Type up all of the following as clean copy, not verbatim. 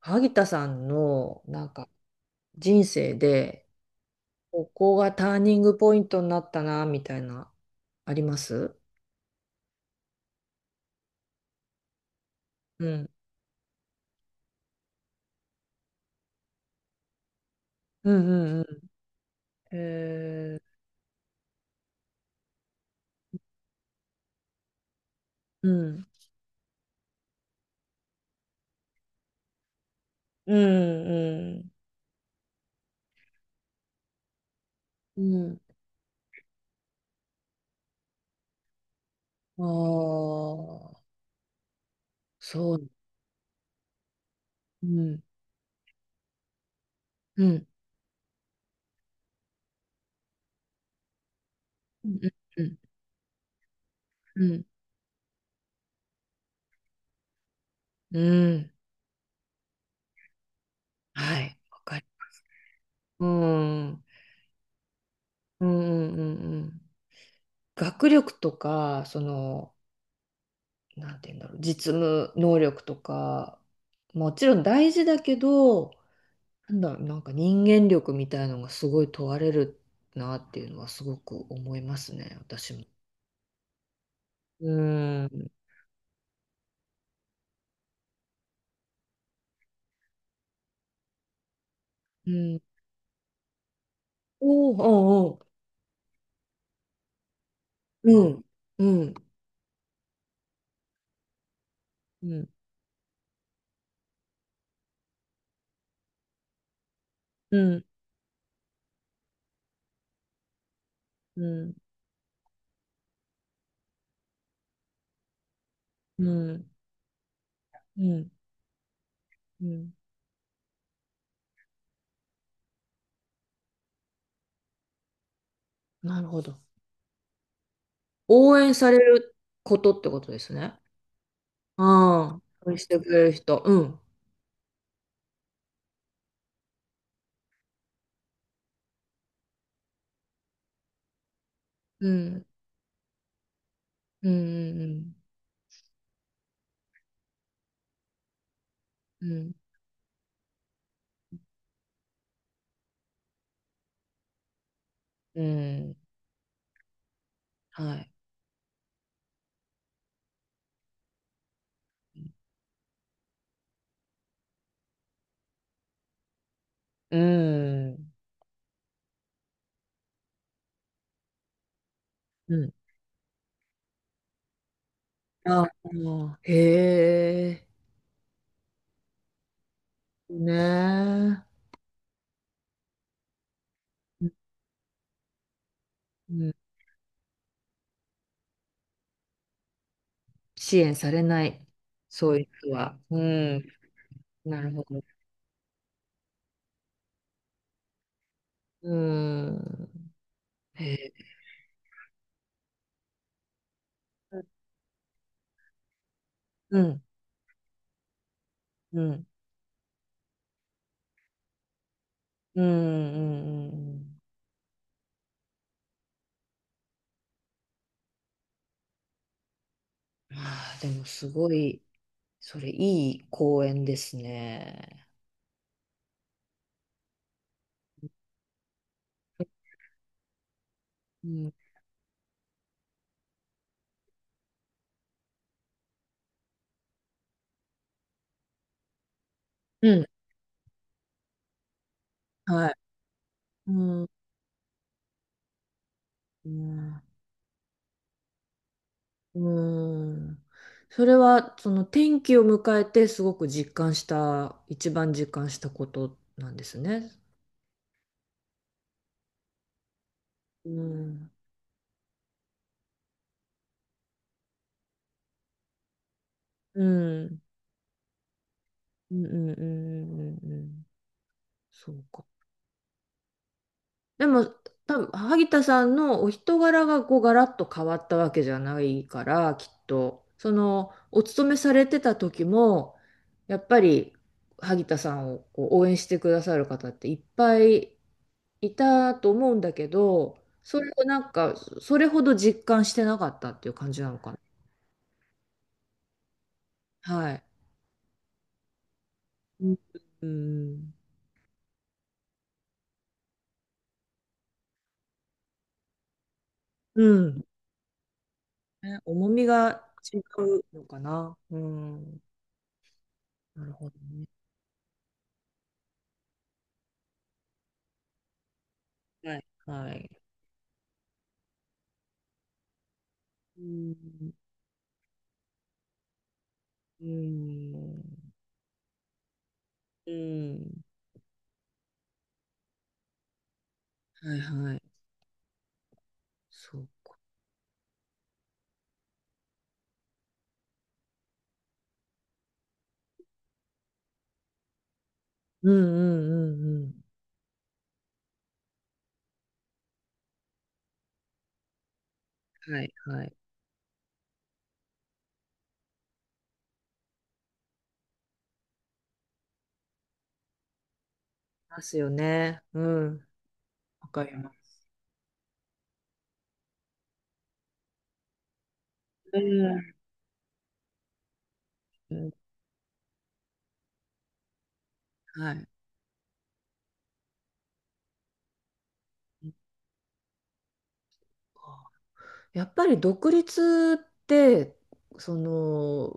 萩田さんのなんか人生でここがターニングポイントになったなみたいな、あります？うんうん。うんうんうんうん。ああ、そう。うんうんうんうんうんうんはい、わかる。うんうんうん。学力とか、その、なんて言うんだろう、実務能力とか、もちろん大事だけど、なんだろう、なんか人間力みたいのがすごい問われるなっていうのはすごく思いますね、私も。うん。うん。おお、おうおう、うん、うん、うん、うん、うん、うん、うん、うん。なるほど。応援されることってことですね。ああ、応援してくれる人。うん、うん、うん、うん、うん。はい。うん。うん。ああ、へえ。ねえ。うんうん。支援されない、そういう人は。うん、なるほど。うん、へえ、うん、うん、うん、うん、うん。ああー、でもすごい、それいい公園ですね。うん、うん、はい。うんうんうん。それは、その転機を迎えてすごく実感した、一番実感したことなんですね。うん。うん。うん。そうか。でも、多分萩田さんのお人柄がこうガラッと変わったわけじゃないから、きっと、その、お勤めされてた時も、やっぱり萩田さんをこう応援してくださる方っていっぱいいたと思うんだけど、それをなんか、それほど実感してなかったっていう感じなのかな。はい。うん。うんうん、ね、重みが違うのかな。うん。なるほどね。はい。はい。うん、うん、うん、はいはい、そう、うんうんうんうん。はいはい、ますよね。うん。わかります。うん、うん、はい、そっか。やっぱり独立って、その、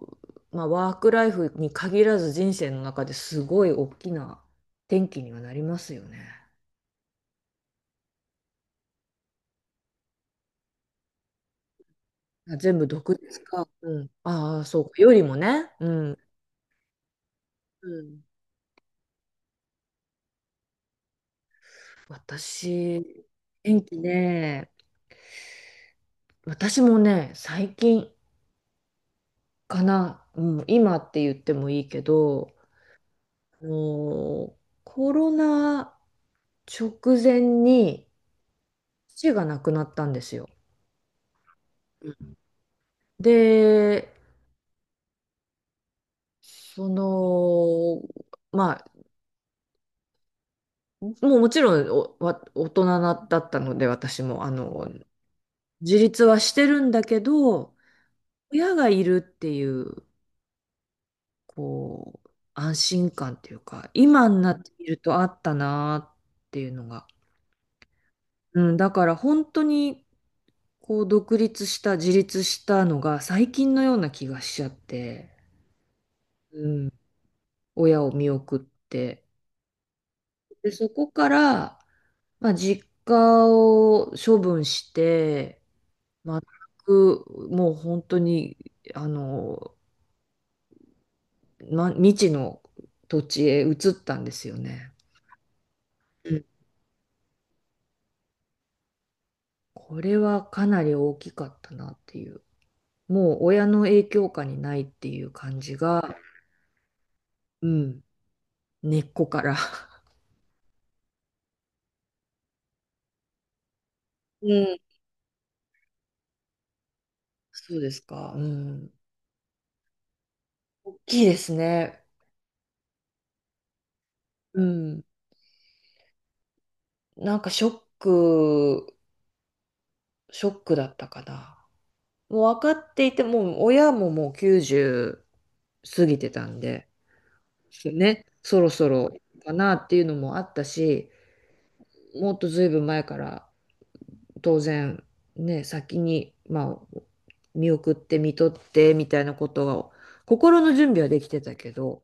まあ、ワークライフに限らず人生の中ですごい大きな転機にはなりますよね。まあ全部独立か、うん、ああそうかよりもね。うん。うん、私、天気ね、私もね、最近かな、うん、今って言ってもいいけど、もうコロナ直前に父が亡くなったんですよ。うん。で、その、まあ、もうもちろんおわ大人なだったので、私も、あの、自立はしてるんだけど、親がいるっていう、こう、安心感っていうか、今になってみるとあったなっていうのが。うん、だから本当に、こう、独立した、自立したのが最近のような気がしちゃって、親を見送って。で、そこから、まあ、実家を処分して、全く、もう本当に、あの、ま、未知の土地へ移ったんですよね。うん、これはかなり大きかったなっていう。もう親の影響下にないっていう感じが、うん、根っこから。うん、そうですか。うん。大きいですね。うん。なんかショック、ショックだったかな。もう分かっていて、もう親ももう90過ぎてたんで、ね、そろそろかなっていうのもあったし、もっとずいぶん前から当然ね、先に、まあ、見送って見とってみたいなことが、心の準備はできてたけど、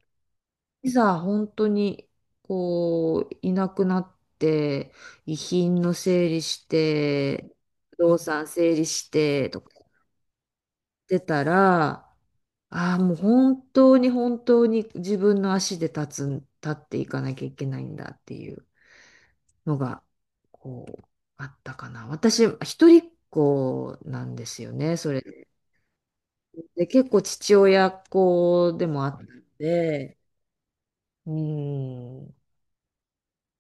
いざ本当にこう、いなくなって、遺品の整理して、不動産整理してとかやってたら、ああ、もう本当に本当に自分の足で立つん、立っていかなきゃいけないんだっていうのが、こう、あったかな。私、一人っ子なんですよね、それで。で結構父親っ子でもあったので、うん、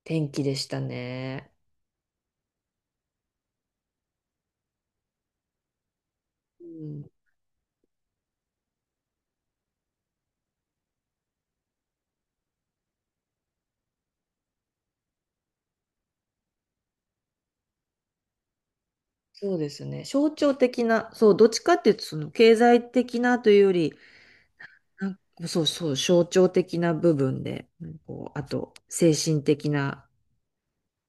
天気でしたね。うん、そうですね。象徴的な、そう、どっちかっていうと、その経済的なというより、なんかそうそう、象徴的な部分で、なんかこう、あと、精神的な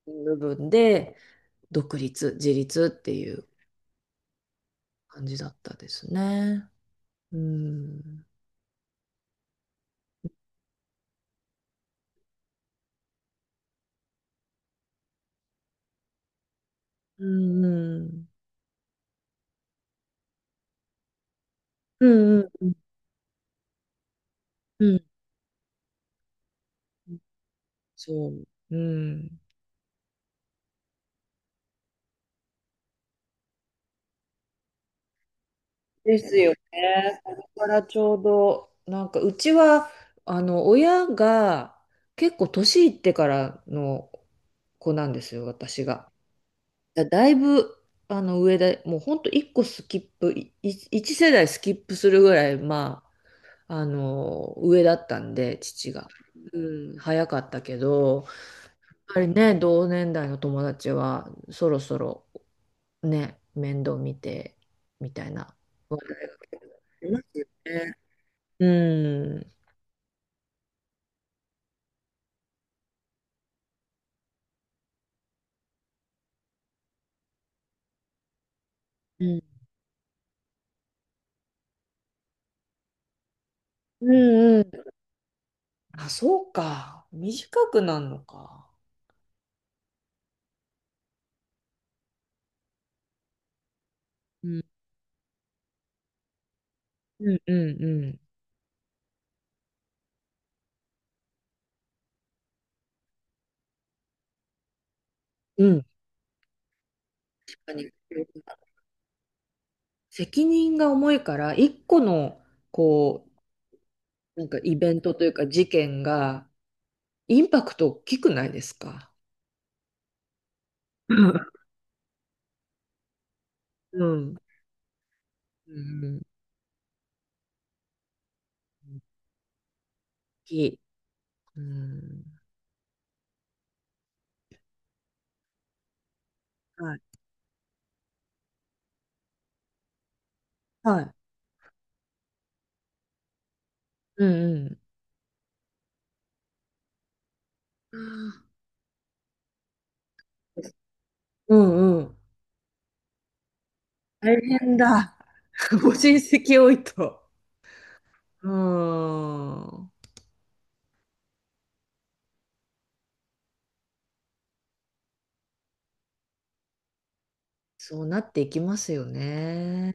部分で、独立、自立っていう感じだったですね。うん。うんうん。うんうんうん。そう。うん。ですよね。これからちょうど、なんかうちは、あの、親が結構年いってからの子なんですよ、私が。だ、だいぶ、あの、上で、もうほんと1個スキップ、いい一世代スキップするぐらい、まあ、あの、上だったんで、父が。うん、早かったけど、やっぱりね、同年代の友達は、そろそろ、ね、面倒見てみたいな。ありますよね。うん。うん。うんうん。あ、そうか。短くなんのか。うんうんうんうん、あそうか短くなるのか、うん。確かに。責任が重いから、一個の、こう、なんかイベントというか事件が、インパクト大きくないですか？うん。うん。うん、大きい。うん。はい。はい。うんうん。うんうん。大変だ。ご親戚多いと。うーん。そうなっていきますよね。